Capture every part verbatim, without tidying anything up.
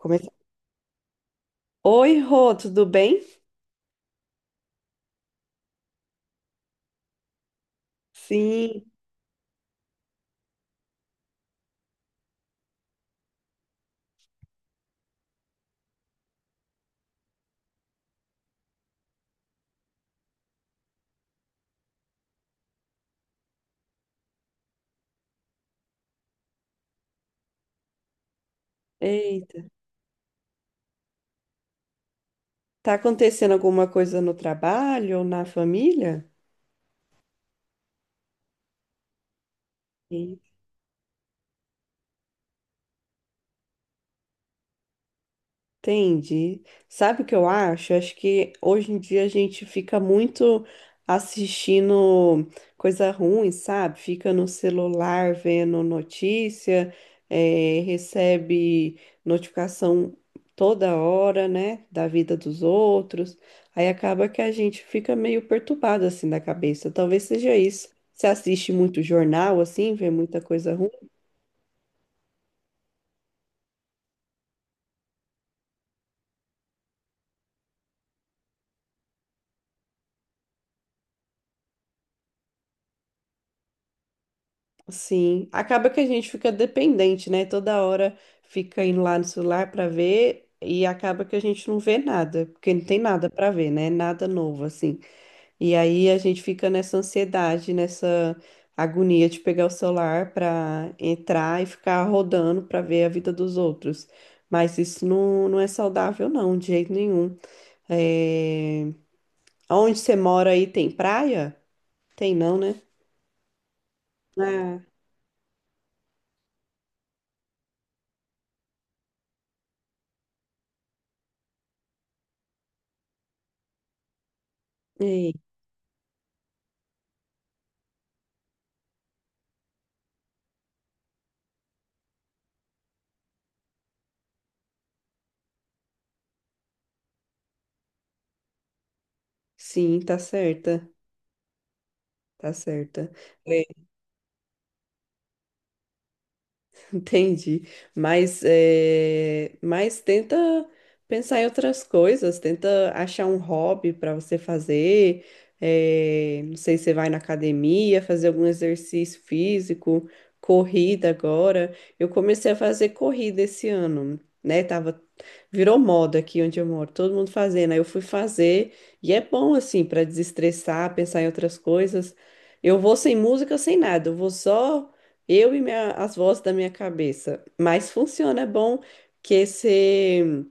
Come- Oi, Rô, tudo bem? Sim. Eita, tá acontecendo alguma coisa no trabalho ou na família? Entendi. Sabe o que eu acho? Eu Acho que hoje em dia a gente fica muito assistindo coisa ruim, sabe? Fica no celular vendo notícia, eh, recebe notificação toda hora, né? Da vida dos outros. Aí acaba que a gente fica meio perturbado assim da cabeça. Talvez seja isso. Você assiste muito jornal, assim, vê muita coisa ruim? Sim, acaba que a gente fica dependente, né? Toda hora fica indo lá no celular para ver e acaba que a gente não vê nada, porque não tem nada para ver, né? Nada novo assim. E aí a gente fica nessa ansiedade, nessa agonia de pegar o celular para entrar e ficar rodando para ver a vida dos outros. Mas isso não, não é saudável, não, de jeito nenhum. É... Onde você mora aí tem praia? Tem não, né? Ah, é. Sim, tá certa. Tá certa. É, entendi. Mas, é, mas tenta pensar em outras coisas, tenta achar um hobby para você fazer. É, não sei se você vai na academia, fazer algum exercício físico, corrida agora. Eu comecei a fazer corrida esse ano, né? Tava, virou moda aqui onde eu moro, todo mundo fazendo. Aí eu fui fazer, e é bom assim para desestressar, pensar em outras coisas. Eu vou sem música, sem nada, eu vou só. Eu e minha- as vozes da minha cabeça. Mas funciona, é bom que você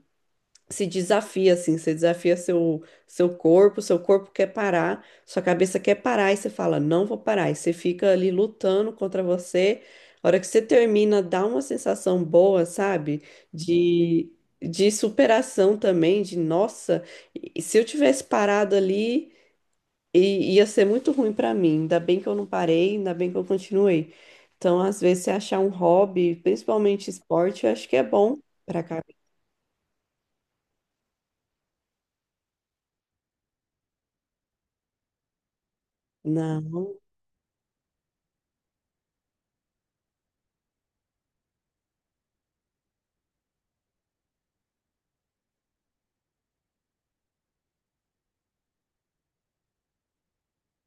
se desafia, assim, você desafia seu, seu corpo, seu corpo quer parar, sua cabeça quer parar, e você fala, não vou parar. E você fica ali lutando contra você. A hora que você termina, dá uma sensação boa, sabe? De, de superação também, de nossa, e se eu tivesse parado ali. E ia ser muito ruim pra mim. Ainda bem que eu não parei, ainda bem que eu continuei. Então, às vezes, você achar um hobby, principalmente esporte, eu acho que é bom pra cá. Não.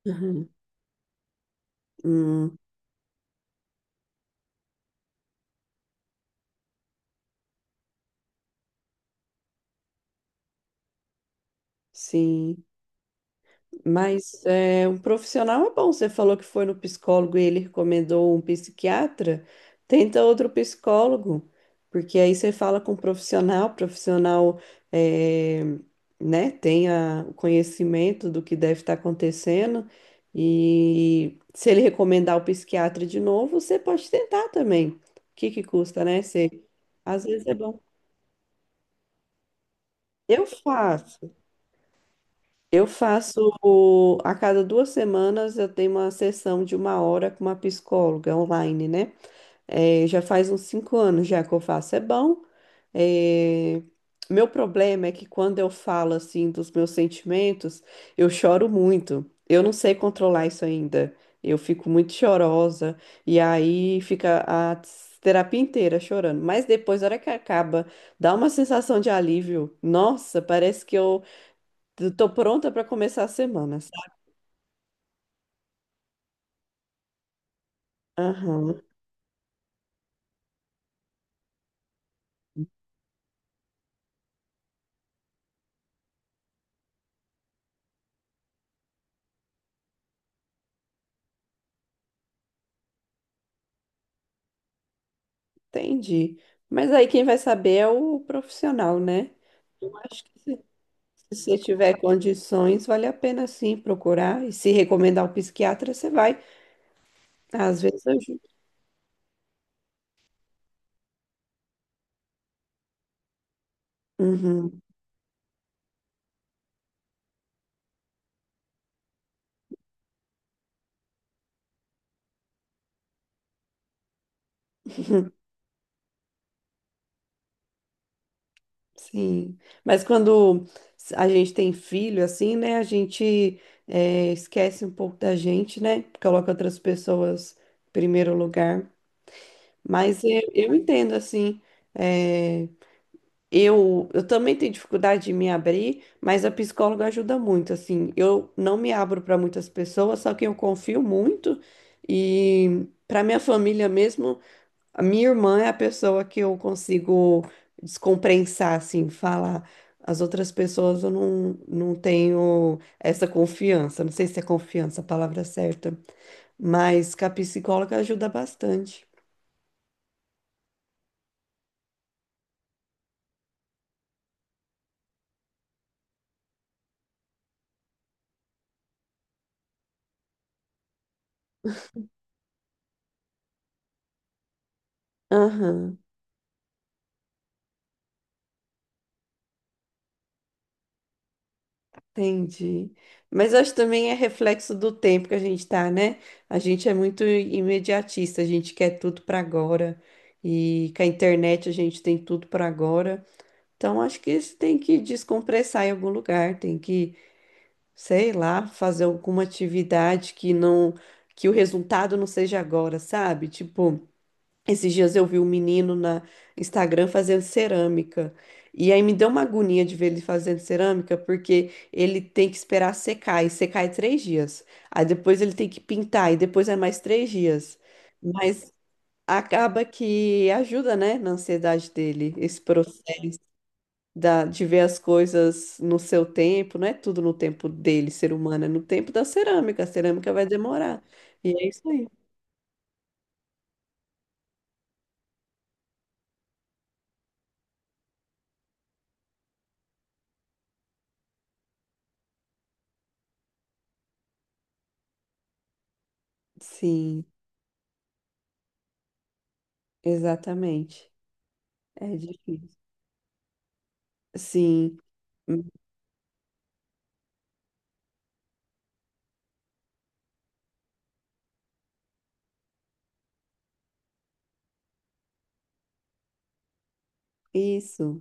Uhum. Hum, sim. Mas é, um profissional é bom. Você falou que foi no psicólogo e ele recomendou um psiquiatra. Tenta outro psicólogo, porque aí você fala com um profissional, profissional é, né, tenha o conhecimento do que deve estar acontecendo. E se ele recomendar o psiquiatra de novo, você pode tentar também. O que que custa, né? Você, às vezes é bom. Eu faço. Eu faço o- a cada duas semanas eu tenho uma sessão de uma hora com uma psicóloga online, né? Eh, já faz uns cinco anos já que eu faço. É bom. Eh, Meu problema é que quando eu falo assim dos meus sentimentos, eu choro muito. Eu não sei controlar isso ainda. Eu fico muito chorosa e aí fica a terapia inteira chorando. Mas depois, na hora que acaba, dá uma sensação de alívio. Nossa, parece que eu tô pronta para começar a semana, sabe? Aham, entendi. Mas aí quem vai saber é o profissional, né? Eu acho que se, se você tiver condições, vale a pena sim procurar. E se recomendar o psiquiatra, você vai. Às vezes ajuda. Uhum, sim. Mas quando a gente tem filho, assim, né? A gente eh, esquece um pouco da gente, né? Coloca outras pessoas em primeiro lugar. Mas eu, eu entendo, assim. eh, Eu, eu também tenho dificuldade de me abrir, mas a psicóloga ajuda muito, assim. Eu não me abro para muitas pessoas, só que eu confio muito e para minha família mesmo, a minha irmã é a pessoa que eu consigo descompensar, assim, falar. As outras pessoas eu não, não tenho essa confiança. Não sei se é confiança a palavra certa, mas que a psicóloga ajuda bastante. Aham. Entendi. Mas acho que também é reflexo do tempo que a gente tá, né? A gente é muito imediatista, a gente quer tudo para agora. E com a internet a gente tem tudo para agora. Então acho que isso tem que descompressar em algum lugar, tem que, sei lá, fazer alguma atividade que não, que o resultado não seja agora, sabe? Tipo, esses dias eu vi um menino na Instagram fazendo cerâmica. E aí me deu uma agonia de ver ele fazendo cerâmica, porque ele tem que esperar secar, e secar é três dias. Aí depois ele tem que pintar, e depois é mais três dias. Mas acaba que ajuda, né, na ansiedade dele, esse processo da, de ver as coisas no seu tempo, não é tudo no tempo dele, ser humano, é no tempo da cerâmica. A cerâmica vai demorar. E é isso aí. Sim, exatamente. É difícil. Sim, isso,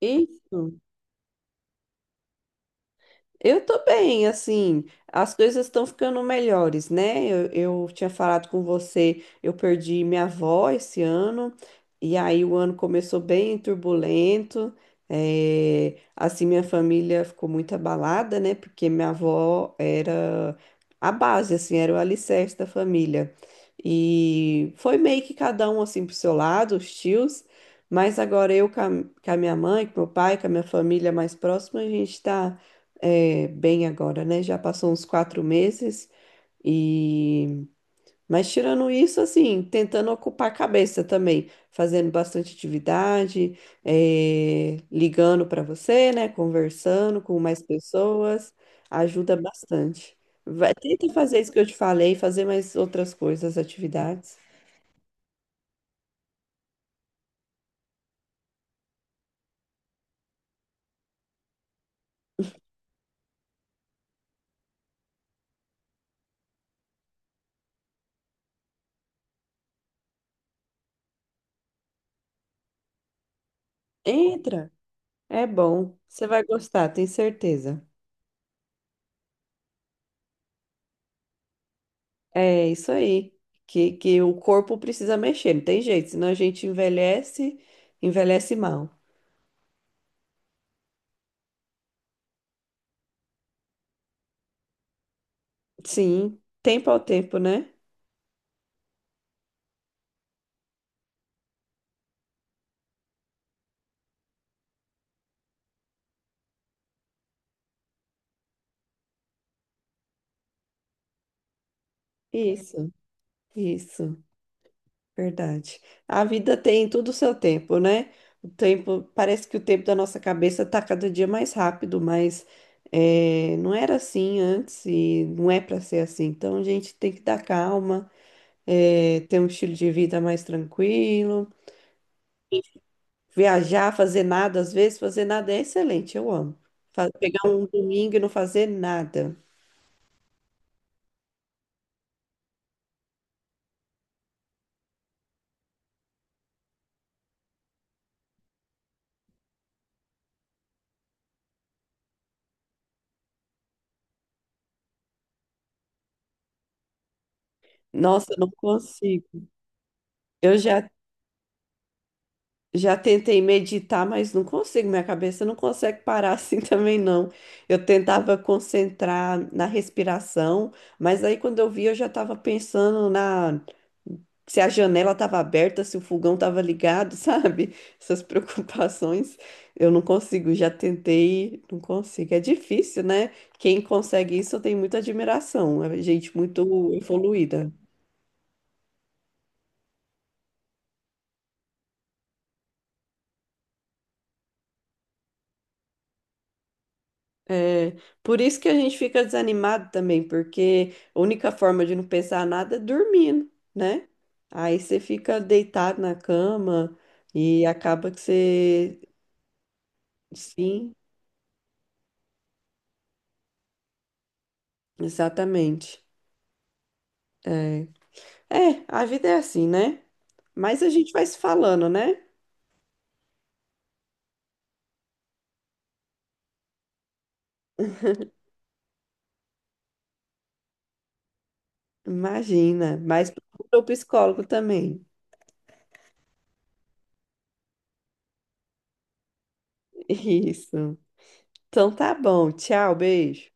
isso. Eu tô bem, assim, as coisas estão ficando melhores, né? Eu, eu tinha falado com você, eu perdi minha avó esse ano, e aí o ano começou bem turbulento, eh, assim, minha família ficou muito abalada, né? Porque minha avó era a base, assim, era o alicerce da família. E foi meio que cada um, assim, pro seu lado, os tios, mas agora eu com a, com a minha mãe, com meu pai, com a minha família mais próxima, a gente tá é, bem agora, né? Já passou uns quatro meses e, mas tirando isso, assim, tentando ocupar a cabeça também, fazendo bastante atividade, é, ligando para você, né? Conversando com mais pessoas, ajuda bastante. Vai, tenta fazer isso que eu te falei, fazer mais outras coisas, atividades. Entra, é bom, você vai gostar, tenho certeza. É isso aí, que, que o corpo precisa mexer, não tem jeito, senão a gente envelhece, envelhece mal. Sim, tempo ao tempo, né? Isso, isso, verdade. A vida tem tudo o seu tempo, né? O tempo, parece que o tempo da nossa cabeça tá cada dia mais rápido, mas é, não era assim antes e não é para ser assim. Então a gente tem que dar calma, é, ter um estilo de vida mais tranquilo. Viajar, fazer nada, às vezes fazer nada é excelente, eu amo. Fa- Pegar um domingo e não fazer nada. Nossa, eu não consigo. Eu já Já tentei meditar, mas não consigo. Minha cabeça não consegue parar assim também, não. Eu tentava concentrar na respiração, mas aí quando eu vi, eu já estava pensando na se a janela estava aberta, se o fogão estava ligado, sabe? Essas preocupações eu não consigo. Já tentei, não consigo. É difícil, né? Quem consegue isso, eu tenho muita admiração. É gente muito evoluída. É, por isso que a gente fica desanimado também, porque a única forma de não pensar nada é dormindo, né? Aí você fica deitado na cama e acaba que você. Sim, exatamente. É, é, a vida é assim, né? Mas a gente vai se falando, né? Imagina. Mas procura o psicólogo também. Isso. Então tá bom. Tchau, beijo.